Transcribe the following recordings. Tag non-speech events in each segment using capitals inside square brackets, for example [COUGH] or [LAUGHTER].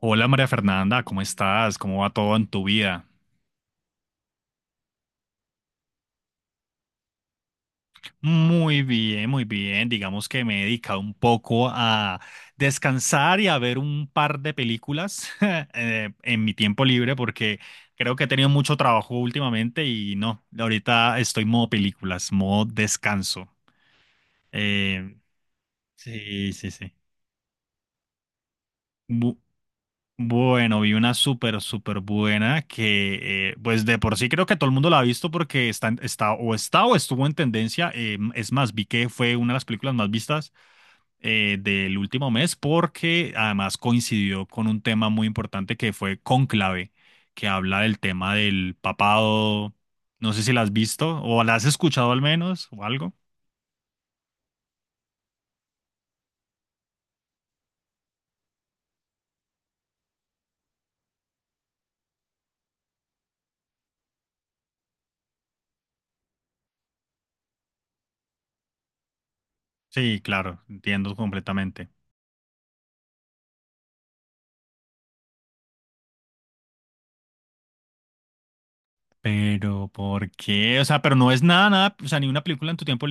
Hola María Fernanda, ¿cómo estás? ¿Cómo va todo en tu vida? Muy bien, muy bien. Digamos que me he dedicado un poco a descansar y a ver un par de películas [LAUGHS] en mi tiempo libre porque creo que he tenido mucho trabajo últimamente y no, ahorita estoy modo películas, modo descanso. Eh, sí, sí, sí. Bu- Bueno, vi una súper, súper buena que, pues de por sí creo que todo el mundo la ha visto porque está o estuvo en tendencia. Es más, vi que fue una de las películas más vistas del último mes porque además coincidió con un tema muy importante que fue Cónclave, que habla del tema del papado. No sé si la has visto o la has escuchado al menos o algo. Sí, claro, entiendo completamente. Pero ¿por qué? O sea, pero no es nada, nada, o sea, ni una película en tu tiempo.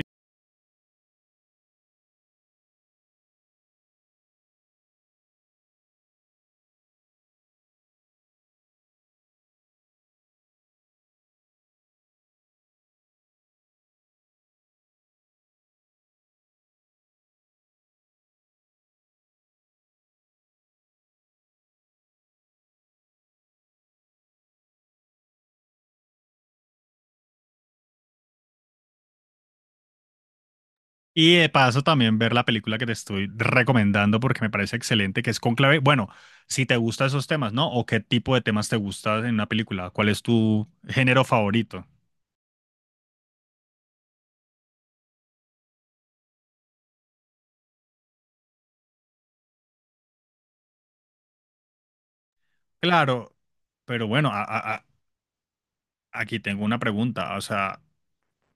Y de paso también ver la película que te estoy recomendando porque me parece excelente, que es Conclave. Bueno, si te gustan esos temas, ¿no? ¿O qué tipo de temas te gusta en una película? ¿Cuál es tu género favorito? Claro, pero bueno, aquí tengo una pregunta. O sea,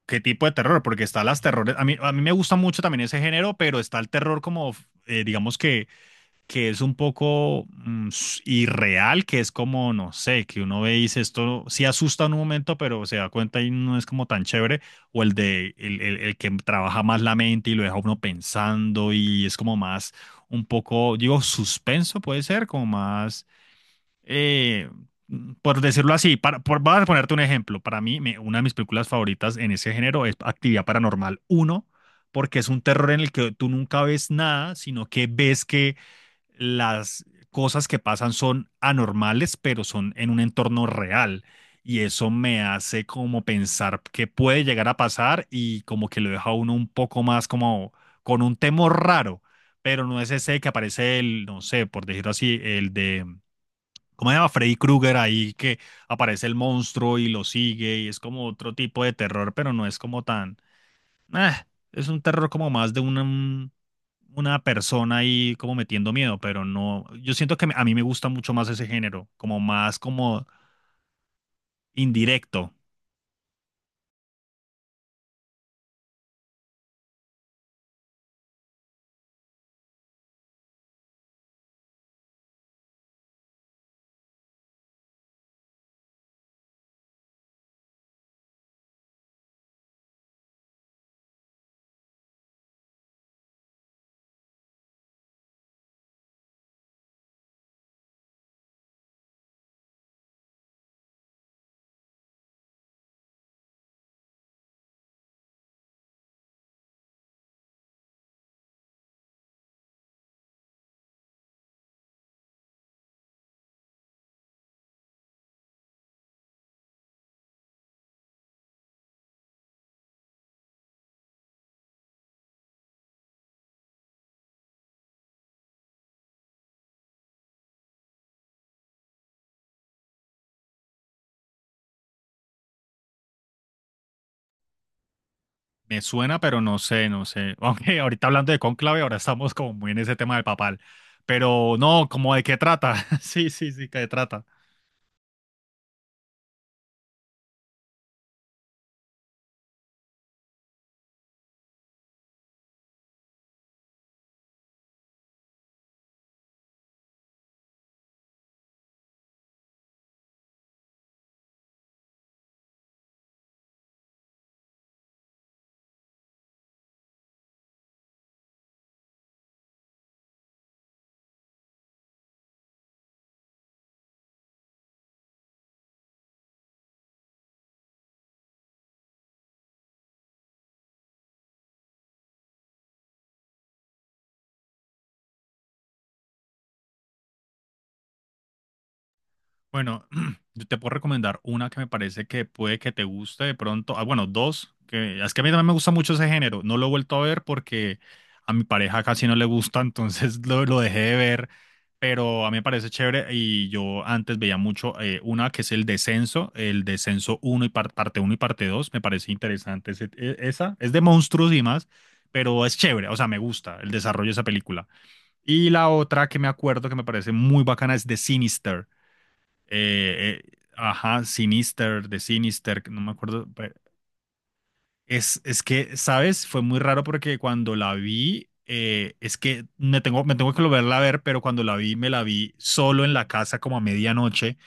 ¿qué tipo de terror? Porque está las terrores, a mí me gusta mucho también ese género, pero está el terror como, digamos que es un poco irreal, que es como, no sé, que uno ve y dice esto sí asusta en un momento, pero se da cuenta y no es como tan chévere, o el de el que trabaja más la mente y lo deja uno pensando y es como más un poco, digo, suspenso puede ser, como más, eh, por decirlo así, voy a ponerte un ejemplo, para mí una de mis películas favoritas en ese género es Actividad Paranormal uno porque es un terror en el que tú nunca ves nada, sino que ves que las cosas que pasan son anormales, pero son en un entorno real. Y eso me hace como pensar que puede llegar a pasar y como que lo deja a uno un poco más como con un temor raro, pero no es ese que aparece el, no sé, por decirlo así, el de, ¿cómo se llama? Freddy Krueger, ahí que aparece el monstruo y lo sigue y es como otro tipo de terror, pero no es como tan. Ah, es un terror como más de una, una persona ahí como metiendo miedo, pero no, yo siento que a mí me gusta mucho más ese género, como más como indirecto. Me suena, pero no sé, no sé. [LAUGHS] Aunque ahorita hablando de Cónclave, ahora estamos como muy en ese tema del papal. Pero no, como de qué trata. [LAUGHS] Sí, sí, sí, qué trata. Bueno, [CLEARS THROAT] yo te puedo recomendar una que me parece que puede que te guste de pronto. Ah, bueno, dos, que es que a mí también me gusta mucho ese género. No lo he vuelto a ver porque a mi pareja casi no le gusta, entonces [LAUGHS] lo dejé de ver. Pero a mí me parece chévere y yo antes veía mucho una que es El Descenso, El Descenso uno y parte uno y parte 2. Me parece interesante esa. Es de monstruos y más, pero es chévere, o sea, me gusta el desarrollo de esa película. Y la otra que me acuerdo que me parece muy bacana es The Sinister. Ajá, Sinister, de Sinister, no me acuerdo. Pero es que, ¿sabes? Fue muy raro porque cuando la vi, es que me tengo que volverla a ver, pero cuando la vi, me la vi solo en la casa como a medianoche.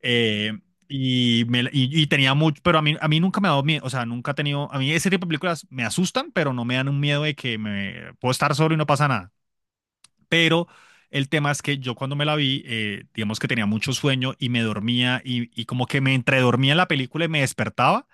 eh, y tenía mucho, pero a mí nunca me ha dado miedo, o sea, nunca he tenido, a mí ese tipo de películas me asustan, pero no me dan un miedo de que me puedo estar solo y no pasa nada. Pero el tema es que yo cuando me la vi, digamos que tenía mucho sueño y me dormía y como que me entredormía en la película y me despertaba,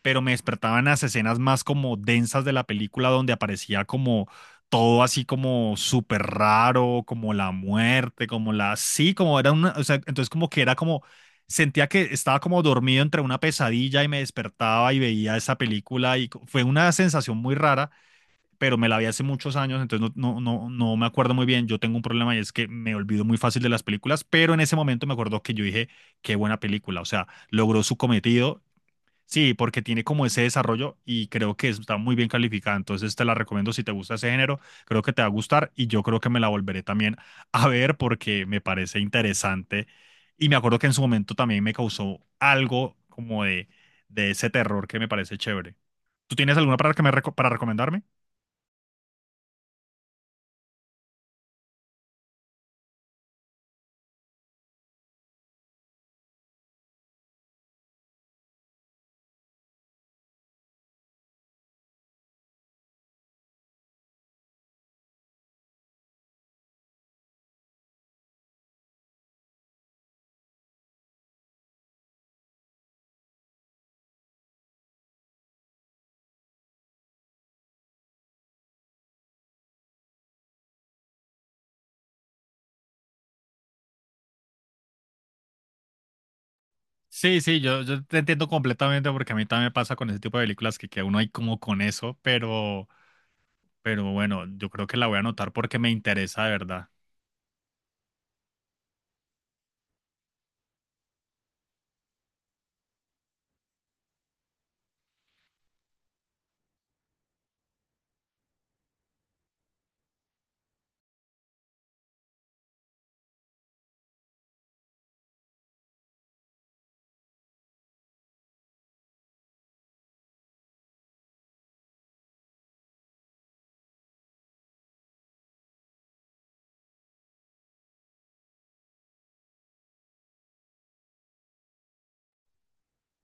pero me despertaban las escenas más como densas de la película donde aparecía como todo así como súper raro, como la muerte, como la... Sí, como era una... O sea, entonces como que era como... Sentía que estaba como dormido entre una pesadilla y me despertaba y veía esa película y fue una sensación muy rara, pero me la vi hace muchos años, entonces no, no, no, no me acuerdo muy bien. Yo tengo un problema y es que me olvido muy fácil de las películas, pero en ese momento me acuerdo que yo dije, qué buena película, o sea, logró su cometido. Sí, porque tiene como ese desarrollo y creo que está muy bien calificada. Entonces te la recomiendo si te gusta ese género, creo que te va a gustar y yo creo que me la volveré también a ver porque me parece interesante. Y me acuerdo que en su momento también me causó algo como de ese terror que me parece chévere. ¿Tú tienes alguna para recomendarme? Sí, sí, yo te entiendo completamente porque a mí también me pasa con ese tipo de películas que uno hay como con eso, pero bueno, yo creo que la voy a anotar porque me interesa de verdad.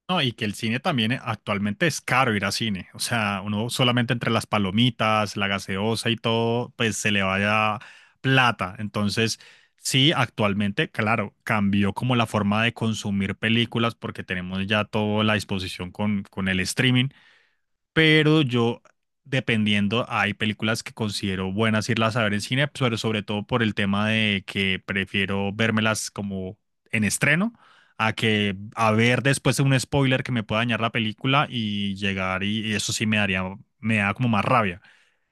No, y que el cine también actualmente es caro ir a cine, o sea, uno solamente entre las palomitas, la gaseosa y todo, pues se le vaya plata. Entonces, sí, actualmente, claro, cambió como la forma de consumir películas porque tenemos ya toda la disposición con el streaming, pero yo, dependiendo, hay películas que considero buenas irlas a ver en cine, pero sobre todo por el tema de que prefiero vérmelas como en estreno, a que a ver después un spoiler que me pueda dañar la película y llegar y eso sí me daría, me da como más rabia.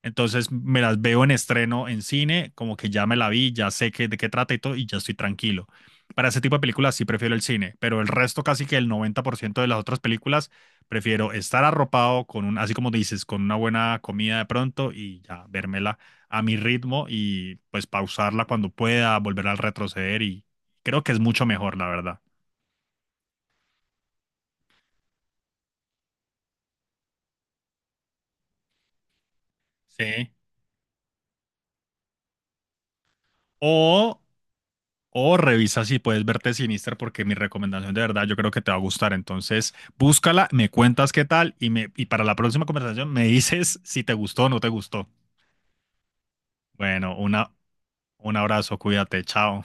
Entonces me las veo en estreno en cine, como que ya me la vi, ya sé de qué trata y todo, y ya estoy tranquilo. Para ese tipo de películas sí prefiero el cine, pero el resto, casi que el 90% de las otras películas, prefiero estar arropado con un, así como dices, con una buena comida de pronto y ya vérmela a mi ritmo y pues pausarla cuando pueda, volver a retroceder y creo que es mucho mejor, la verdad. Sí. O O revisa si puedes verte Sinister, porque mi recomendación de verdad yo creo que te va a gustar. Entonces, búscala, me cuentas qué tal y, me, y para la próxima conversación me [LAUGHS] dices si te gustó o no te gustó. Bueno, un abrazo, cuídate, chao.